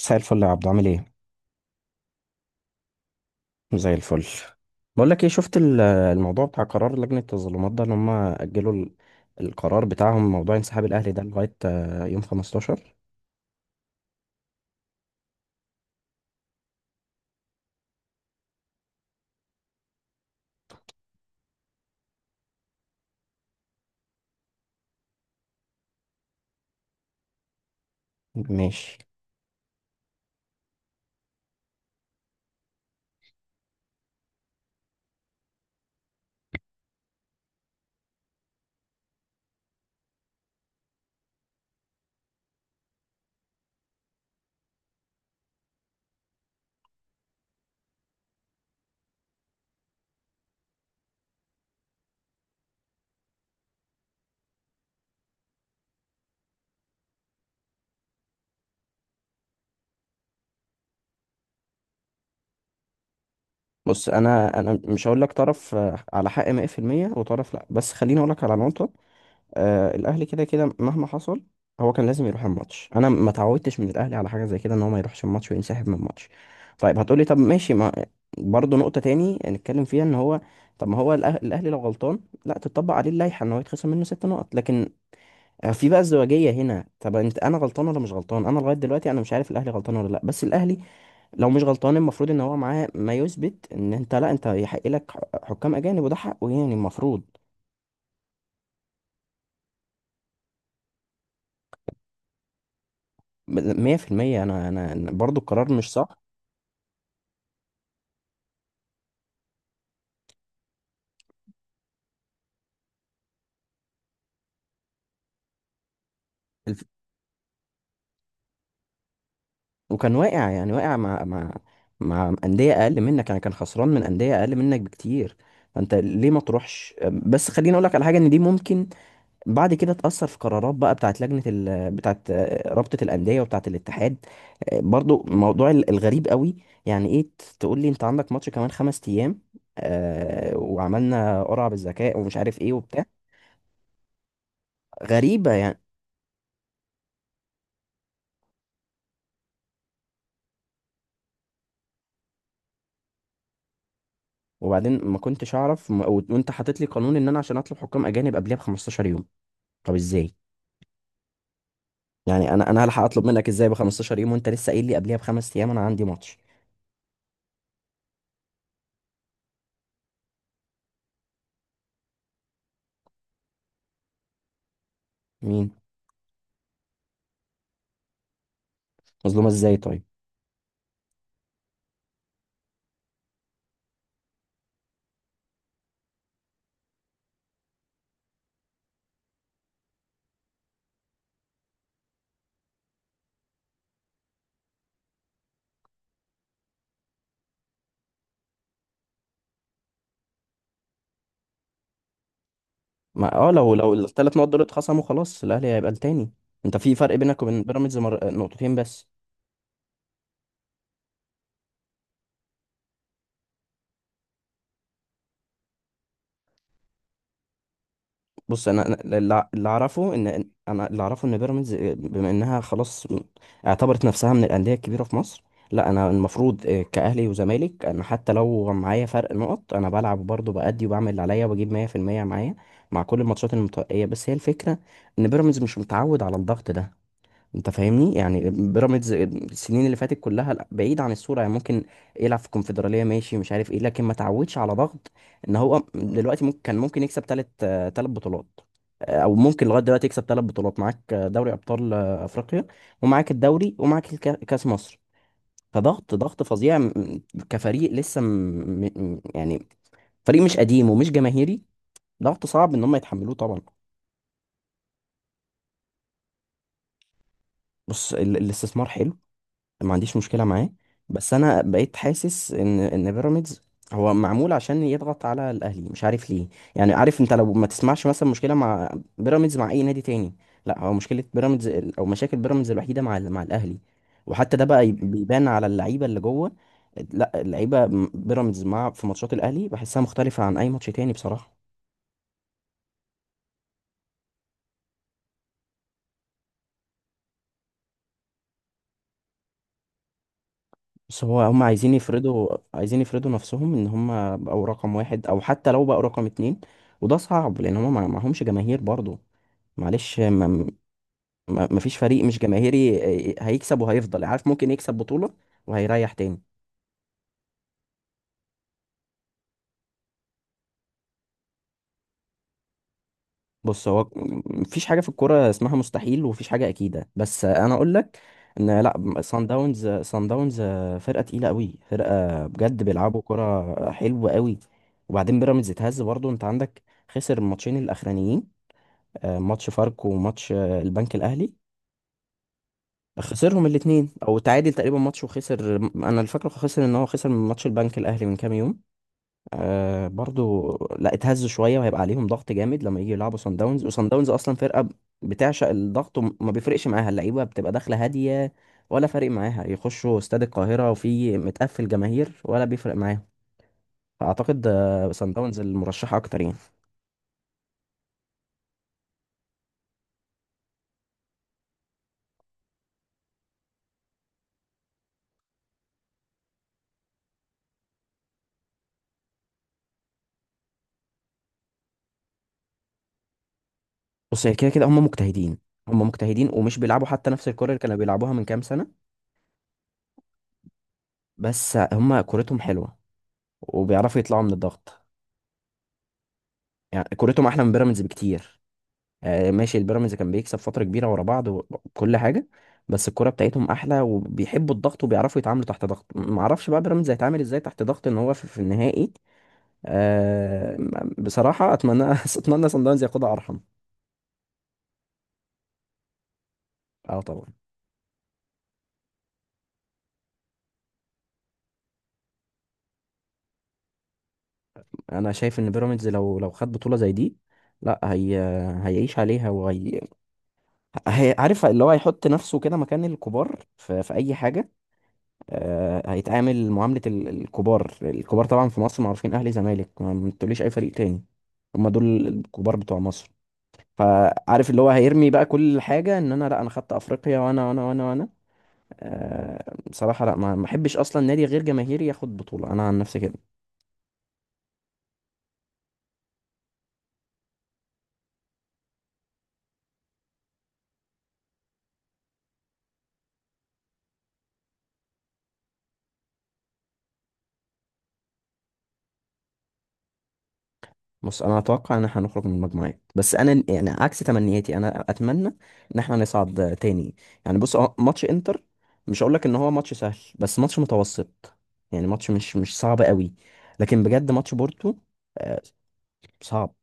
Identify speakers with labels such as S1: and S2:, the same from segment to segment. S1: مساء الفل يا عبدو، عامل ايه؟ زي الفل. بقول لك ايه، شفت الموضوع بتاع قرار لجنة التظلمات ده ان هم اجلوا القرار بتاعهم، موضوع انسحاب الاهلي ده لغاية يوم 15؟ ماشي. بص، انا مش هقول لك طرف على حق 100% وطرف لا، بس خليني اقول لك على نقطة. آه، الاهلي كده كده مهما حصل هو كان لازم يروح الماتش. انا ما تعودتش من الاهلي على حاجه زي كده، ان هو ما يروحش الماتش وينسحب من الماتش. طيب هتقولي طب ماشي، ما برضه نقطه تاني نتكلم فيها ان هو طب ما هو الاهلي لو غلطان لا تطبق عليه اللائحه ان هو يتخصم منه ست نقط، لكن في بقى ازدواجيه هنا. طب انت، انا غلطان ولا مش غلطان؟ انا لغايه دلوقتي انا مش عارف الاهلي غلطان ولا لا، بس الاهلي لو مش غلطان المفروض ان هو معاه ما يثبت ان انت لا، انت يحق لك حكام اجانب وده حقه، يعني المفروض. 100%، انا برضو القرار مش صح. الف... وكان واقع، يعني واقع مع مع أندية أقل منك، يعني كان خسران من أندية أقل منك بكتير، فأنت ليه ما تروحش؟ بس خليني أقول لك على حاجة، إن دي ممكن بعد كده تأثر في قرارات بقى بتاعت بتاعت رابطة الأندية وبتاعت الاتحاد. آه، برضو موضوع الغريب قوي. يعني إيه تقول لي أنت عندك ماتش كمان خمس أيام، آه وعملنا قرعة بالذكاء ومش عارف إيه وبتاع؟ غريبة يعني. وبعدين ما كنتش أعرف وأنت حاطط لي قانون إن أنا عشان أطلب حكام أجانب قبلها ب 15 يوم. طب إزاي يعني؟ انا هلحق اطلب منك ازاي ب 15 يوم وانت لسه قايل لي قبليها بخمس ايام انا عندي ماتش؟ مين؟ مظلومه ازاي طيب؟ ما اه، لو الثلاث نقط دول اتخصموا خلاص الاهلي هيبقى التاني. انت في فرق بينك وبين بيراميدز نقطتين بس. بص، انا أنا اللي اللي اعرفه ان انا اللي اعرفه ان بيراميدز بما انها خلاص اعتبرت نفسها من الانديه الكبيره في مصر. لا، انا المفروض كاهلي وزمالك انا حتى لو معايا فرق نقط انا بلعب برضه بأدي وبعمل اللي عليا وبجيب 100% معايا مع كل الماتشات المتبقيه. بس هي الفكره ان بيراميدز مش متعود على الضغط ده. انت فاهمني، يعني بيراميدز السنين اللي فاتت كلها لا، بعيد عن الصوره، يعني ممكن يلعب في الكونفدراليه، ماشي مش عارف ايه، لكن ما تعودش على ضغط ان هو دلوقتي ممكن كان ممكن يكسب ثلاث بطولات، او ممكن لغايه دلوقتي يكسب ثلاث بطولات معاك، دوري ابطال افريقيا، ومعاك الدوري، ومعاك كاس مصر. فضغط، ضغط فظيع كفريق يعني فريق مش قديم ومش جماهيري، ضغط صعب ان هم يتحملوه طبعا. بص، الاستثمار حلو، ما عنديش مشكلة معاه. بس انا بقيت حاسس ان بيراميدز هو معمول عشان يضغط على الاهلي، مش عارف ليه. يعني عارف، انت لو ما تسمعش مثلا مشكلة مع بيراميدز مع اي نادي تاني، لا هو مشكلة بيراميدز ال- او مشاكل بيراميدز الوحيدة مع مع الاهلي، وحتى ده بقى بيبان على اللعيبة اللي جوه. لا، اللعيبة بيراميدز مع في ماتشات الاهلي بحسها مختلفة عن اي ماتش تاني بصراحة. بس هو، هم عايزين يفرضوا نفسهم ان هم بقوا رقم واحد، او حتى لو بقوا رقم اتنين. وده صعب لان هم معهمش جماهير برضه، معلش. ما فيش فريق مش جماهيري هيكسب وهيفضل، عارف، ممكن يكسب بطولة وهيريح تاني. بص، هو مفيش حاجة في الكورة اسمها مستحيل، ومفيش حاجة أكيدة، بس أنا أقول لك إن لأ، سان داونز فرقة تقيلة أوي، فرقة بجد بيلعبوا كرة حلوة أوي. وبعدين بيراميدز اتهز برضه، أنت عندك خسر الماتشين الأخرانيين، ماتش فاركو وماتش البنك الاهلي، خسرهم الاثنين او تعادل تقريبا ماتش وخسر، انا الفكره خسر ان هو خسر من ماتش البنك الاهلي من كام يوم، آه برضو. لا اتهزوا شويه، وهيبقى عليهم ضغط جامد لما يجي يلعبوا صن داونز. وصن داونز اصلا فرقه بتعشق الضغط، وما بيفرقش معاها، اللعيبه بتبقى داخله هاديه، ولا فارق معاها يخشوا استاد القاهره وفي متقفل جماهير ولا بيفرق معاهم. فاعتقد صن داونز المرشحه اكتر يعني. بص، هي كده كده هم مجتهدين، هم مجتهدين ومش بيلعبوا حتى نفس الكرة اللي كانوا بيلعبوها من كام سنة، بس هم كورتهم حلوه وبيعرفوا يطلعوا من الضغط. يعني كورتهم احلى من بيراميدز بكتير. آه، ماشي البيراميدز كان بيكسب فتره كبيره ورا بعض وكل حاجه، بس الكوره بتاعتهم احلى وبيحبوا الضغط وبيعرفوا يتعاملوا تحت ضغط. ما اعرفش بقى بيراميدز هيتعامل ازاي تحت ضغط ان هو في النهائي. أه، بصراحه اتمنى اتمنى صن داونز ياخدها، ارحم. اه طبعا. انا شايف ان بيراميدز لو خد بطوله زي دي، لا هي، هيعيش عليها، وهي عارف اللي هو هيحط نفسه كده مكان الكبار في اي حاجه. آه، هيتعامل معاملة الكبار. الكبار طبعا في مصر معروفين، أهلي زمالك، ما تقوليش أي فريق تاني، هما دول الكبار بتوع مصر. فعارف اللي هو هيرمي بقى كل حاجة إن أنا لأ، أنا خدت أفريقيا وأنا بصراحة لأ، ما أحبش أصلا نادي غير جماهيري ياخد بطولة، أنا عن نفسي كده. بص، انا اتوقع ان احنا هنخرج من المجموعات، بس انا يعني عكس تمنياتي، انا اتمنى ان احنا نصعد تاني. يعني بص، هو ماتش انتر مش هقول لك ان هو ماتش سهل، بس ماتش متوسط، يعني ماتش مش صعب قوي. لكن بجد ماتش بورتو، آه، صعب.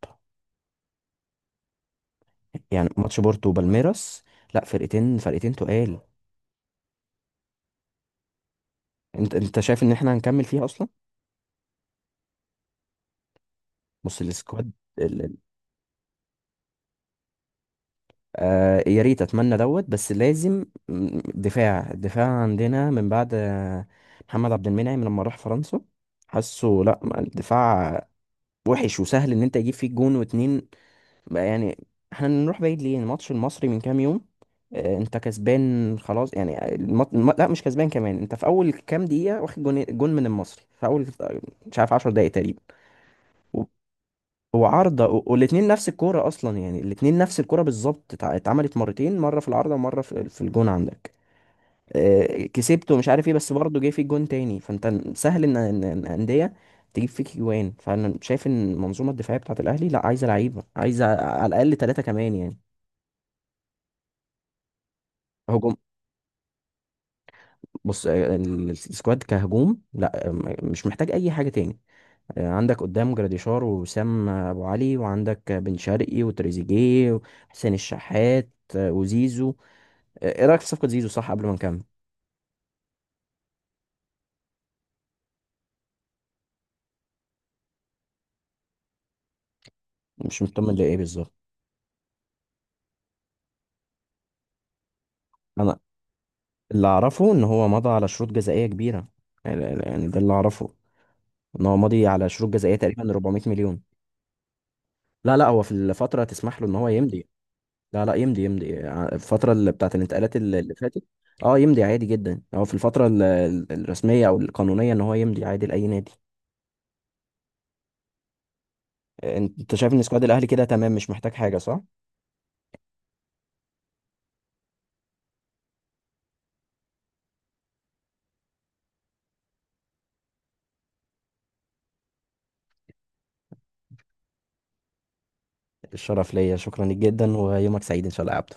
S1: يعني ماتش بورتو وبالميراس، لا فرقتين تقال. انت، شايف ان احنا هنكمل فيها اصلا؟ بص السكواد، آه يا ريت، اتمنى دوت، بس لازم دفاع. عندنا من بعد محمد عبد المنعم لما راح فرنسا، حاسه لا ما، الدفاع وحش وسهل ان انت يجيب فيك جون واتنين بقى يعني. احنا نروح بعيد ليه؟ الماتش المصري من كام يوم، انت كسبان خلاص يعني لا مش كسبان كمان، انت في اول كام دقيقة واخد جون من المصري في اول مش عارف 10 دقايق تقريبا. هو عارضة والاتنين نفس الكورة أصلا، يعني الاتنين نفس الكورة بالظبط، اتعملت مرتين، مرة في العارضة ومرة في الجون عندك. آه، كسبته مش عارف ايه، بس برضه جه فيك جون تاني، فانت سهل ان إن أندية تجيب فيك جوان. فانا شايف ان المنظومة الدفاعية بتاعة الأهلي لا، عايزة لعيبة، عايزة على الأقل ثلاثة كمان يعني. هجوم، بص السكواد كهجوم لا، مش محتاج أي حاجة تاني. آه، عندك قدام جراديشار ووسام أبو علي، وعندك بن شرقي وتريزيجيه وحسين الشحات، وزيزو. ايه رايك في صفقه زيزو؟ صح، قبل ما نكمل. مش مطمن لايه بالظبط؟ انا اللي اعرفه ان هو مضى على شروط جزائيه كبيره، يعني ده اللي اعرفه، ان هو ماضي على شروط جزائيه تقريبا 400 مليون. لا هو في الفتره تسمح له ان هو يمضي. لا يمضي، يمضي الفتره اللي بتاعت الانتقالات اللي فاتت. اه يمضي عادي جدا، هو في الفتره الرسميه او القانونيه ان هو يمضي عادي لاي نادي. انت شايف ان سكواد الاهلي كده تمام مش محتاج حاجه، صح؟ الشرف ليا، شكرا لك جدا، ويومك سعيد ان شاء الله يا عبد.